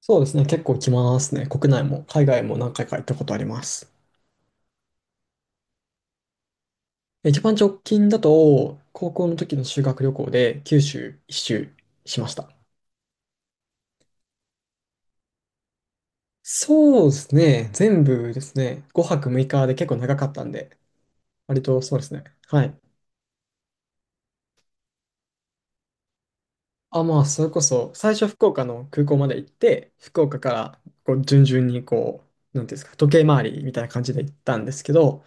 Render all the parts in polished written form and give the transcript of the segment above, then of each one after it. そうですね、結構来ますね。国内も海外も何回か行ったことあります。一番直近だと、高校の時の修学旅行で九州一周しました。そうですね、全部ですね、5泊6日で結構長かったんで、割とそうですね。はい。あ、まあ、それこそ、最初福岡の空港まで行って、福岡からこう順々にこう、なんていうんですか、時計回りみたいな感じで行ったんですけど、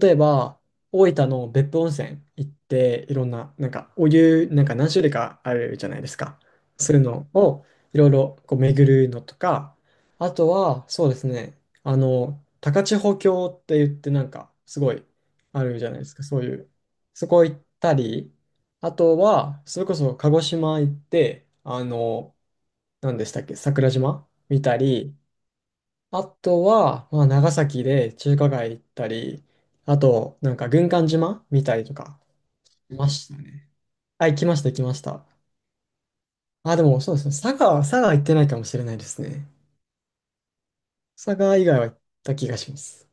例えば、大分の別府温泉行って、いろんな、なんかお湯、なんか何種類かあるじゃないですか。そういうのをいろいろこう巡るのとか、あとは、そうですね、高千穂峡って言って、なんか、すごいあるじゃないですか、そういう。そこ行ったり、あとは、それこそ鹿児島行って、何でしたっけ、桜島見たり、あとは、まあ、長崎で中華街行ったり、あと、なんか軍艦島見たりとか、いましたね。あ、行きました、行きました。あ、でもそうですね、佐賀行ってないかもしれないですね。佐賀以外は行った気がします。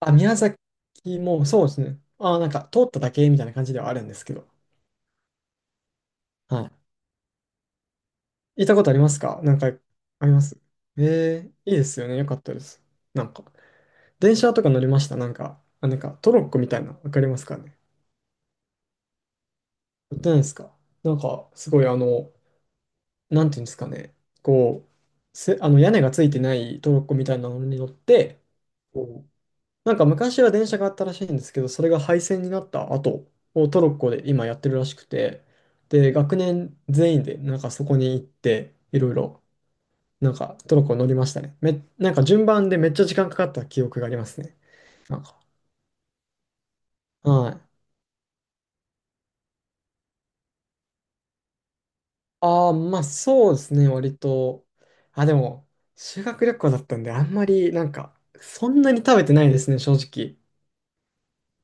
あ、宮崎もそうですね。あ、なんか通っただけみたいな感じではあるんですけど。はい。行ったことありますか、なんか？あります？ええ、いいですよね。よかったです。なんか、電車とか乗りました、なんか？あ、なんかトロッコみたいな、わかりますかね？乗ってないですか？なんか、すごいなんていうんですかね。こう、屋根がついてないトロッコみたいなのに乗って、こうなんか昔は電車があったらしいんですけど、それが廃線になった後をトロッコで今やってるらしくて、で、学年全員でなんかそこに行って、いろいろなんかトルコ乗りましたね。なんか順番でめっちゃ時間かかった記憶がありますね。なんか。はい。ああ、まあそうですね、割と。あ、でも、修学旅行だったんで、あんまりなんか、そんなに食べてないですね、正直。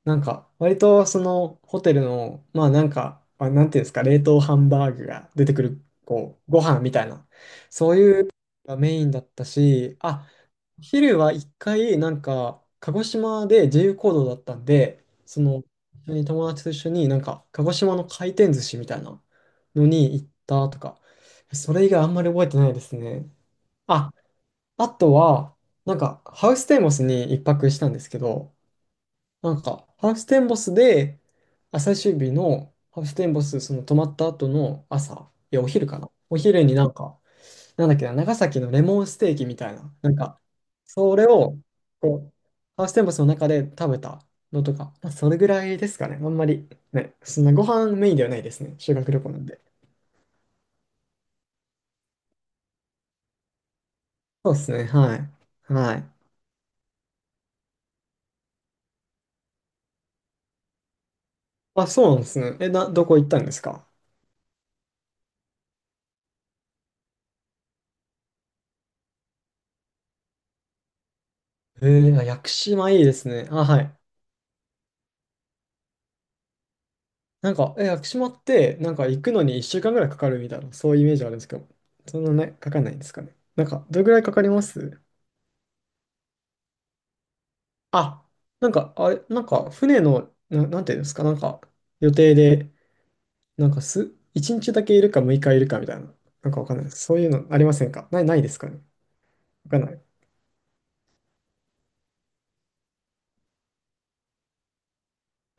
なんか、割とそのホテルの、まあなんか、あ、なんていうんですか、冷凍ハンバーグが出てくる、こう、ご飯みたいな、そういうがメインだったし、あ、昼は一回、なんか、鹿児島で自由行動だったんで、その、一緒に友達と一緒に、なんか、鹿児島の回転寿司みたいなのに行ったとか、それ以外あんまり覚えてないですね。あ、あとは、なんか、ハウステンボスに一泊したんですけど、なんか、ハウステンボスで、あ最終日のハウステンボス、その泊まった後の朝、いや、お昼かな。お昼になんか、なんだっけな、長崎のレモンステーキみたいな、なんか、それを、こう、ハウステンボスの中で食べたのとか、まあ、それぐらいですかね。あんまり、ね、そんなご飯メインではないですね。修学旅行なんで。そうですね、はい。はい。あ、そうなんですね。どこ行ったんですか？あ、屋久島いいですね。あ、はい。なんか、屋久島って、なんか行くのに1週間ぐらいかかるみたいな、そういうイメージあるんですけど、そんなね、かかんないんですかね。なんか、どれぐらいかかります？あ、なんか、あれ、なんか、船の、なんていうんですか、なんか、予定で、なんか、1日だけいるか6日いるかみたいな、なんかわかんないです。そういうのありませんか、ないですかね？わかんない。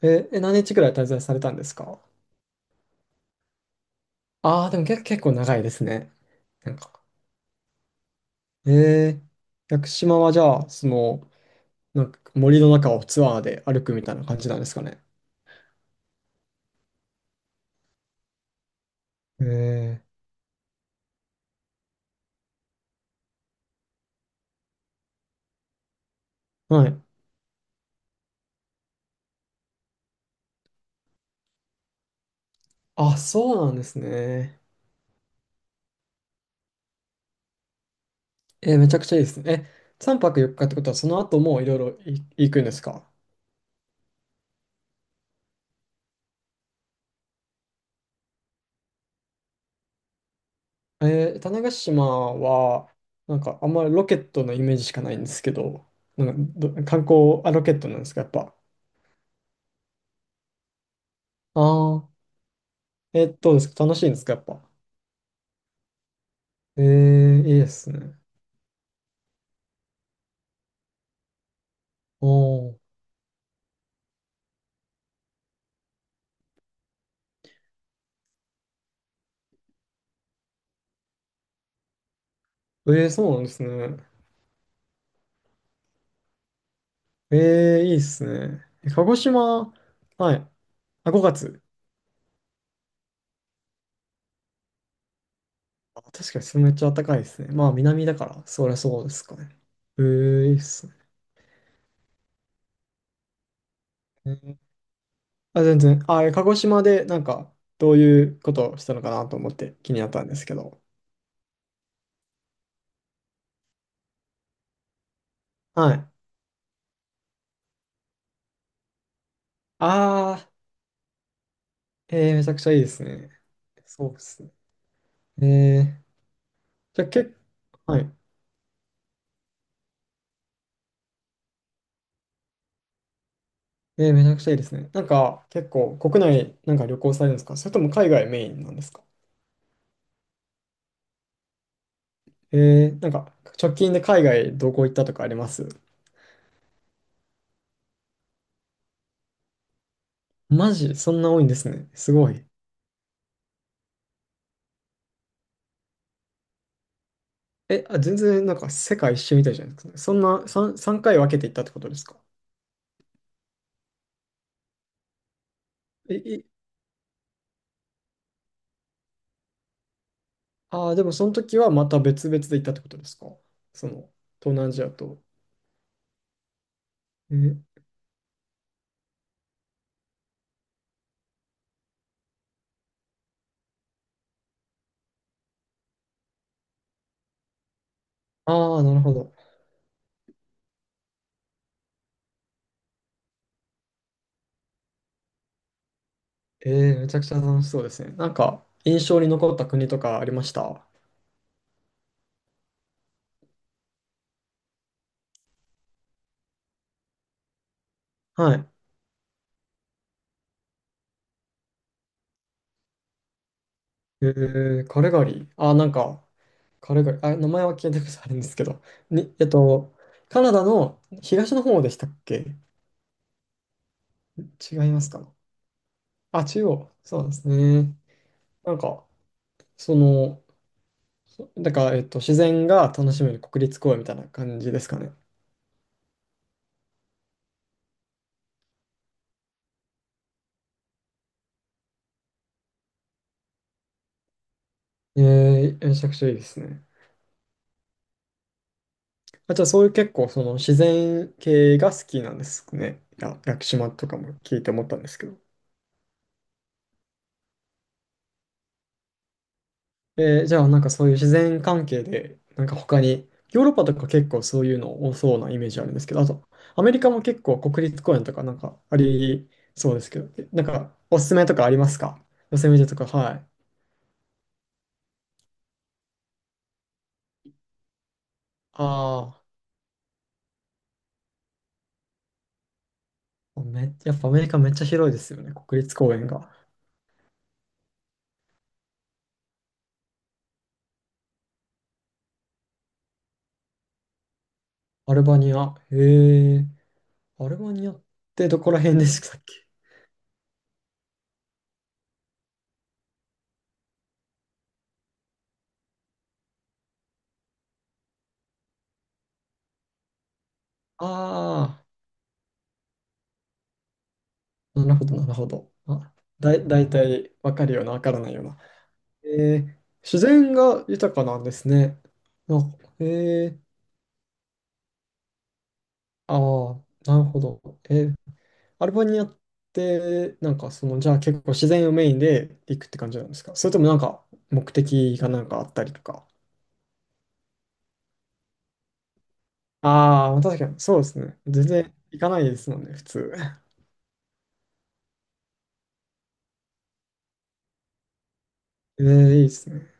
何日くらい滞在されたんですか？ああー、でも結構長いですね。なんか、え屋久島はじゃあ、その、なんか森の中をツアーで歩くみたいな感じなんですかね。えはい。あ、そうなんですね。めちゃくちゃいいですね。3泊4日っかってことは、その後もいろいろ行くんですか？種子島は、なんかあんまりロケットのイメージしかないんですけど、なんか観光、あ、ロケットなんですか、やっぱ。ああ、どうですか、楽しいんですか、やっぱ。いいですね。おー、そうなんですね。いいですね。鹿児島、はい。あ、5月。あ、確かにそれめっちゃ暖かいですね。まあ、南だから、そりゃそうですかね。いいっすね。あ、全然。あ、鹿児島でなんか、どういうことをしたのかなと思って気になったんですけど。はい。あー、めちゃくちゃいいですね。そうですね。えー、じゃあ、はい。めちゃくちゃいいですね。なんか、結構、国内なんか旅行されるんですか？それとも海外メインなんですか？なんか、直近で海外どこ行ったとかあります？マジ、そんな多いんですね。すごい。あ、全然なんか世界一周みたいじゃないですかね。そんな3、三回分けて行ったってことですか？え、ああ、でもその時はまた別々で行ったってことですか？その、東南アジアと。え、ああ、なるほど。ええ、めちゃくちゃ楽しそうですね。なんか、印象に残った国とかありました？はい。えカルガリー。あーなんか、カルガリー。あ、名前は聞いたことあるんですけど。に、えっと、カナダの東の方でしたっけ？違いますか？あ、中央。そうですね。なんか、その、そなんか、えっと、自然が楽しめる国立公園みたいな感じですかね。めちゃくちゃいいですね。あ、じゃあそういう結構その自然系が好きなんですね。いや、屋久島とかも聞いて思ったんですけど。じゃあなんかそういう自然関係で、なんか他に、ヨーロッパとか結構そういうの多そうなイメージあるんですけど、あとアメリカも結構国立公園とかなんかありそうですけど、なんかおすすめとかありますか？ヨセミテとか、はい。ああ、やっぱアメリカめっちゃ広いですよね、国立公園が。アルバニア。へえ。アルバニアってどこら辺でしたっけ？ああー、なるほど、なるほど。あ、だいたいわかるような、わからないような。えー、自然が豊かなんですね。なんか、ああ、なるほど。アルバニアって、なんかその、じゃあ結構自然をメインで行くって感じなんですか？それともなんか目的がなんかあったりとか。ああ、確かに、そうですね。全然行かないですもんね、普通。えー、いいですね。